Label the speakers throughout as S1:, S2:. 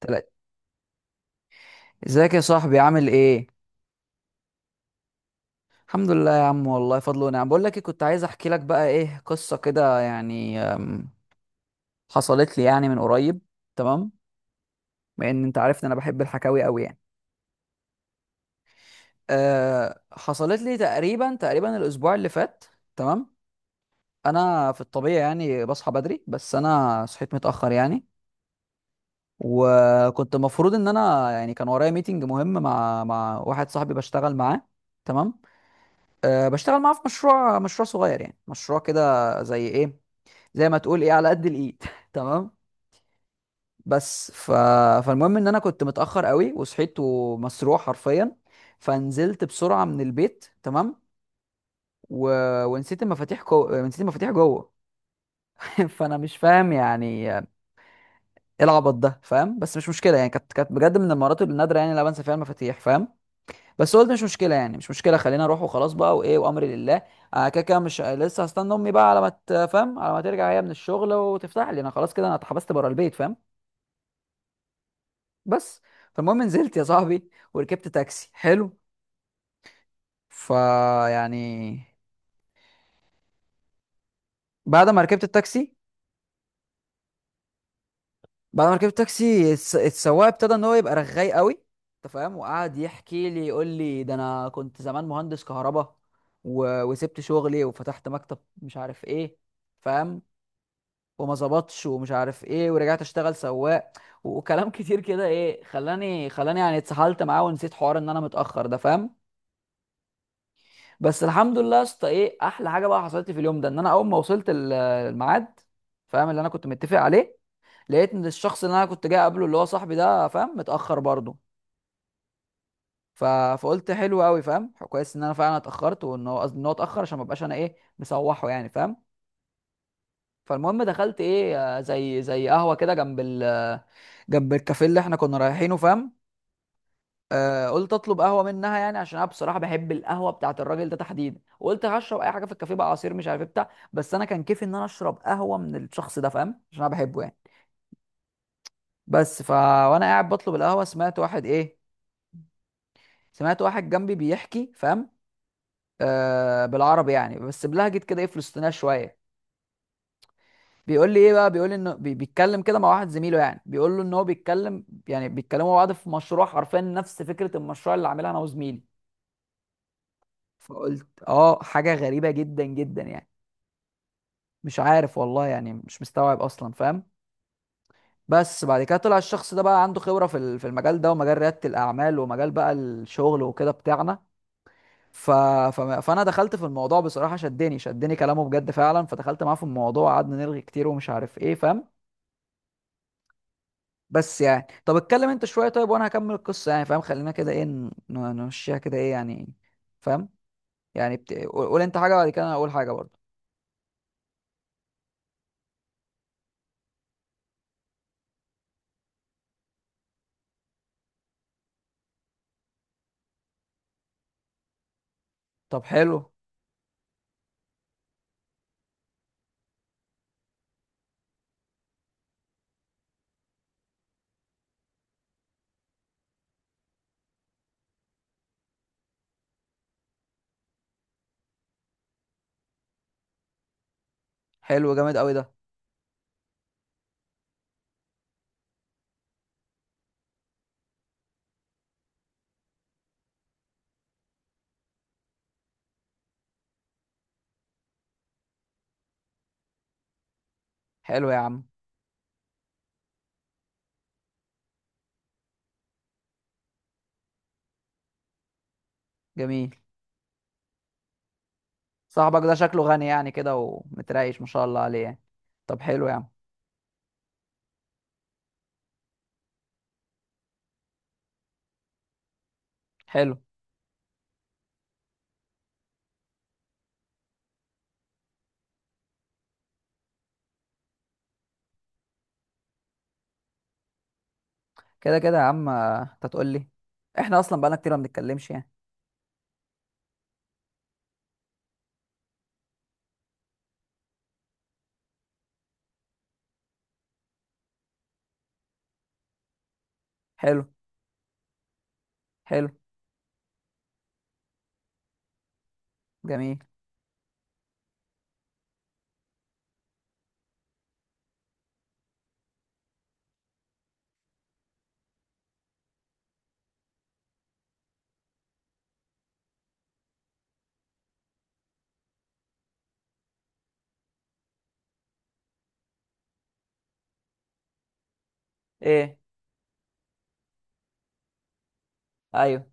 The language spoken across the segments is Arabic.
S1: تلاتة. ازيك يا صاحبي، عامل ايه؟ الحمد لله يا عم، والله فضل ونعم. بقول لك إيه، كنت عايز احكي لك بقى ايه قصة كده يعني، حصلت لي يعني من قريب. تمام. بما ان انت عارف ان انا بحب الحكاوي قوي يعني. حصلت لي تقريبا الاسبوع اللي فات. تمام. انا في الطبيعي يعني بصحى بدري، بس انا صحيت متأخر يعني. وكنت المفروض ان انا يعني كان ورايا ميتنج مهم مع واحد صاحبي بشتغل معاه. تمام. بشتغل معاه في مشروع صغير، يعني مشروع كده زي ايه، زي ما تقول ايه، على قد الايد. تمام. بس ف... فالمهم ان انا كنت متاخر قوي، وصحيت ومسروح حرفيا. فنزلت بسرعه من البيت. تمام. و... ونسيت المفاتيح، نسيت المفاتيح جوه. فانا مش فاهم يعني ايه العبط ده، فاهم؟ بس مش مشكله يعني، كانت بجد من المرات النادره يعني اللي أنا بنسى فيها المفاتيح، فاهم؟ بس قلت مش مشكله يعني، مش مشكله، خلينا اروح وخلاص بقى وايه، وامري لله. آه كده كده، مش لسه هستنى امي بقى على ما تفهم، على ما ترجع هي من الشغل وتفتح لي؟ انا خلاص كده، انا اتحبست بره البيت، فاهم؟ بس. فالمهم نزلت يا صاحبي وركبت تاكسي حلو. فيعني، بعد ما ركبت التاكسي، بعد ما ركبت التاكسي، السواق ابتدى ان هو يبقى رغاي قوي، انت فاهم؟ وقعد يحكي لي، يقول لي ده انا كنت زمان مهندس كهرباء، وسبت شغلي وفتحت مكتب، مش عارف ايه، فاهم؟ وما ظبطش ومش عارف ايه، ورجعت اشتغل سواق. وكلام كتير كده، ايه، خلاني يعني اتسحلت معاه ونسيت حوار ان انا متاخر ده، فاهم؟ بس الحمد لله يا اسطى. ايه احلى حاجه بقى حصلت لي في اليوم ده، ان انا اول ما وصلت الميعاد، فاهم، اللي انا كنت متفق عليه، لقيت ان الشخص اللي انا كنت جاي قبله اللي هو صاحبي ده، فاهم، متاخر برضه. فقلت حلو قوي، فاهم، كويس ان انا فعلا اتاخرت وان هو، قصدي ان هو اتاخر عشان ما ابقاش انا ايه مسوحه يعني، فاهم؟ فالمهم دخلت ايه، زي قهوه كده، جنب ال آه، جنب الكافيه اللي احنا كنا رايحينه، فاهم؟ قلت اطلب قهوه منها، يعني عشان انا بصراحه بحب القهوه بتاعت الراجل ده تحديدا. وقلت هشرب اي حاجه في الكافيه بقى، عصير مش عارف إيه بتاع، بس انا كان كيفي ان انا اشرب قهوه من الشخص ده، فاهم، عشان انا بحبه يعني. بس ف وانا قاعد بطلب القهوه، سمعت واحد ايه، سمعت واحد جنبي بيحكي، فاهم؟ بالعربي يعني، بس بلهجه كده ايه، فلسطينيه شويه. بيقول لي ايه بقى، بيقول لي انه بيتكلم كده مع واحد زميله، يعني بيقول له ان هو بيتكلم، يعني بيتكلموا مع بعض في مشروع حرفيا نفس فكره المشروع اللي عاملها انا وزميلي. فقلت اه، حاجه غريبه جدا جدا يعني. مش عارف والله، يعني مش مستوعب اصلا، فاهم؟ بس بعد كده طلع الشخص ده بقى عنده خبره في في المجال ده، ومجال رياده الاعمال، ومجال بقى الشغل وكده بتاعنا. ف... فانا دخلت في الموضوع بصراحه، شدني كلامه بجد فعلا. فدخلت معاه في الموضوع، قعدنا نلغي كتير ومش عارف ايه، فاهم؟ بس يعني طب اتكلم انت شويه طيب، وانا هكمل القصه يعني، فاهم؟ خلينا كده ايه نمشيها كده ايه يعني، فاهم؟ يعني قول، قول انت حاجه بعد كده انا اقول حاجه برضه. طب حلو. حلو جامد قوي ده. حلو يا عم. جميل. صاحبك ده شكله غني يعني كده ومتريش ما شاء الله عليه يعني. طب حلو يا عم. حلو. كده كده يا عم، انت تقول لي. احنا اصلا بقالنا كتير ما بنتكلمش يعني. حلو. حلو. جميل. ايه. ايوه.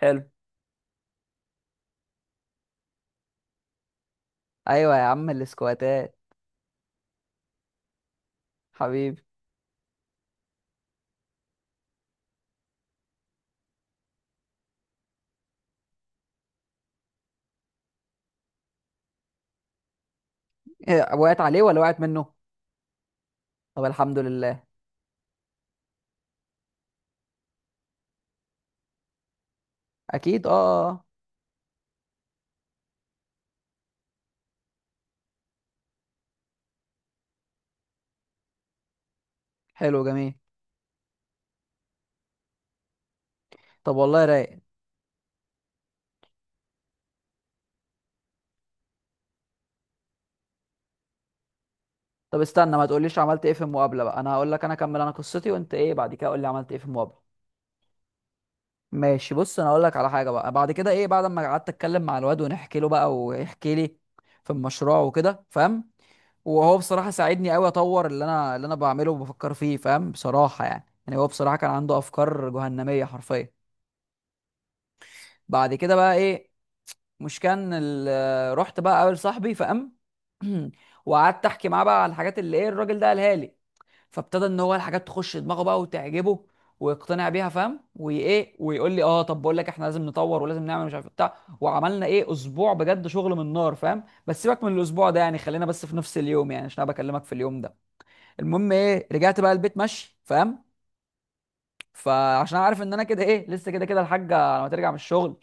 S1: حلو. ايوه يا عم، الاسكواتات. حبيبي. إيه، وقعت عليه ولا وقعت منه؟ طب الحمد لله. اكيد. اه. آه. آه. حلو جميل. طب والله رايق. طب استنى ما تقوليش عملت ايه في المقابله بقى، انا هقول لك، انا اكمل انا قصتي وانت ايه بعد كده قول لي عملت ايه في المقابله. ماشي. بص انا اقول لك على حاجه بقى، بعد كده ايه، بعد ما قعدت اتكلم مع الواد، ونحكي له بقى ويحكي لي في المشروع وكده، فاهم؟ وهو بصراحه ساعدني قوي اطور اللي انا بعمله وبفكر فيه، فاهم؟ بصراحه يعني هو بصراحه كان عنده افكار جهنميه حرفيا. بعد كده بقى ايه، مش كان ال- رحت بقى اقابل صاحبي فقام، وقعدت احكي معاه بقى على الحاجات اللي ايه الراجل ده قالها لي. فابتدى ان هو الحاجات تخش دماغه بقى وتعجبه ويقتنع بيها، فاهم؟ وايه، ويقول لي اه طب بقول لك احنا لازم نطور ولازم نعمل مش عارف إيه بتاع، وعملنا ايه اسبوع بجد شغل من نار، فاهم؟ بس سيبك من الاسبوع ده يعني، خلينا بس في نفس اليوم يعني، عشان انا بكلمك في اليوم ده. المهم ايه، رجعت بقى البيت ماشي، فاهم؟ فعشان أنا عارف ان انا كده ايه، لسه كده كده الحاجه لما ترجع من الشغل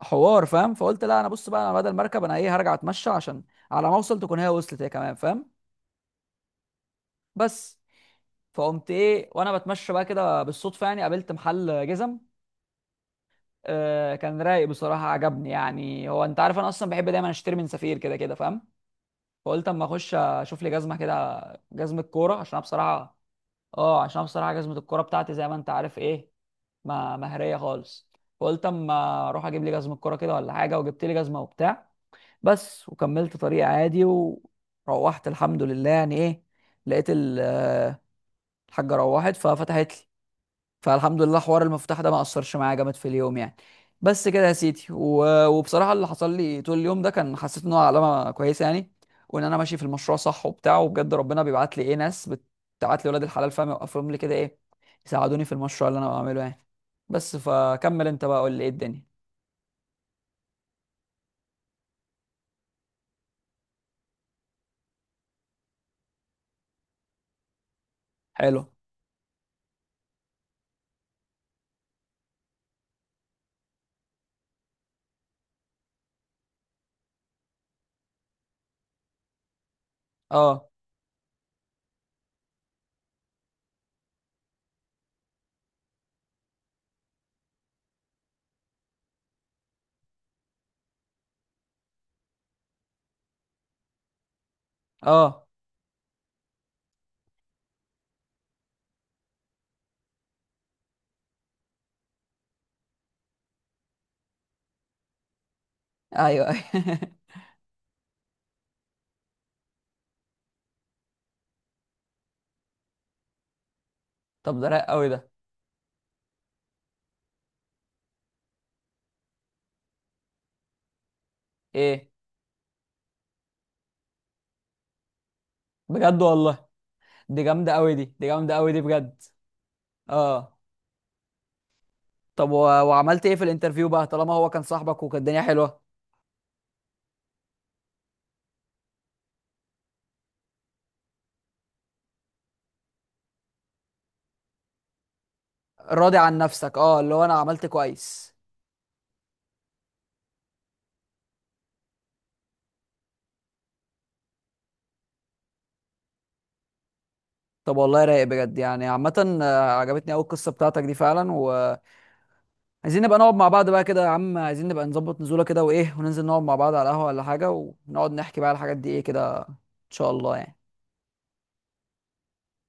S1: حوار، فاهم؟ فقلت لا، انا بص بقى، انا بدل مركب، انا ايه هرجع اتمشى، عشان على ما اوصل تكون هي وصلت هي كمان، فاهم؟ بس. فقمت ايه، وانا بتمشى بقى كده بالصدفه يعني قابلت محل جزم. كان رايق بصراحه، عجبني يعني، هو انت عارف انا اصلا بحب دايما اشتري من سفير كده كده، فاهم؟ فقلت اما اخش اشوف لي جزمه كده، جزمه كوره عشان انا بصراحه. اه عشان انا بصراحه جزمه الكوره بتاعتي زي ما انت عارف ايه، ما مهريه خالص. فقلت اما اروح اجيب لي جزمه كوره كده ولا حاجه، وجبت لي جزمه وبتاع. بس. وكملت طريق عادي، وروحت الحمد لله يعني ايه، لقيت الحاجه، روحت ففتحت لي. فالحمد لله، حوار المفتاح ده ما اثرش معايا جامد في اليوم يعني. بس كده يا سيدي. و- وبصراحه اللي حصل لي طول اليوم ده، كان حسيت ان هو علامه كويسه يعني، وان انا ماشي في المشروع صح وبتاع، وبجد ربنا بيبعت لي ايه، ناس بتبعت لي ولاد الحلال، فاهم، يوقفهم لي كده ايه يساعدوني في المشروع اللي انا بعمله يعني. بس. فكمل انت بقى، قول لي ايه الدنيا. حلو. اه. اه. ايوه. طب ده رايق قوي ده. ايه بجد والله، دي جامده قوي دي جامده قوي دي بجد. اه. طب وعملت ايه في الانترفيو بقى، طالما هو كان صاحبك وكانت الدنيا حلوه؟ راضي عن نفسك، اه، اللي هو انا عملت كويس. طب والله رايق بجد يعني. عامة عجبتني قوي القصة بتاعتك دي فعلا، وعايزين نبقى نقعد مع بعض بقى كده يا عم، عايزين نبقى نظبط نزولة كده وايه، وننزل نقعد مع بعض على القهوة ولا حاجة، ونقعد نحكي بقى على الحاجات دي ايه كده ان شاء الله يعني.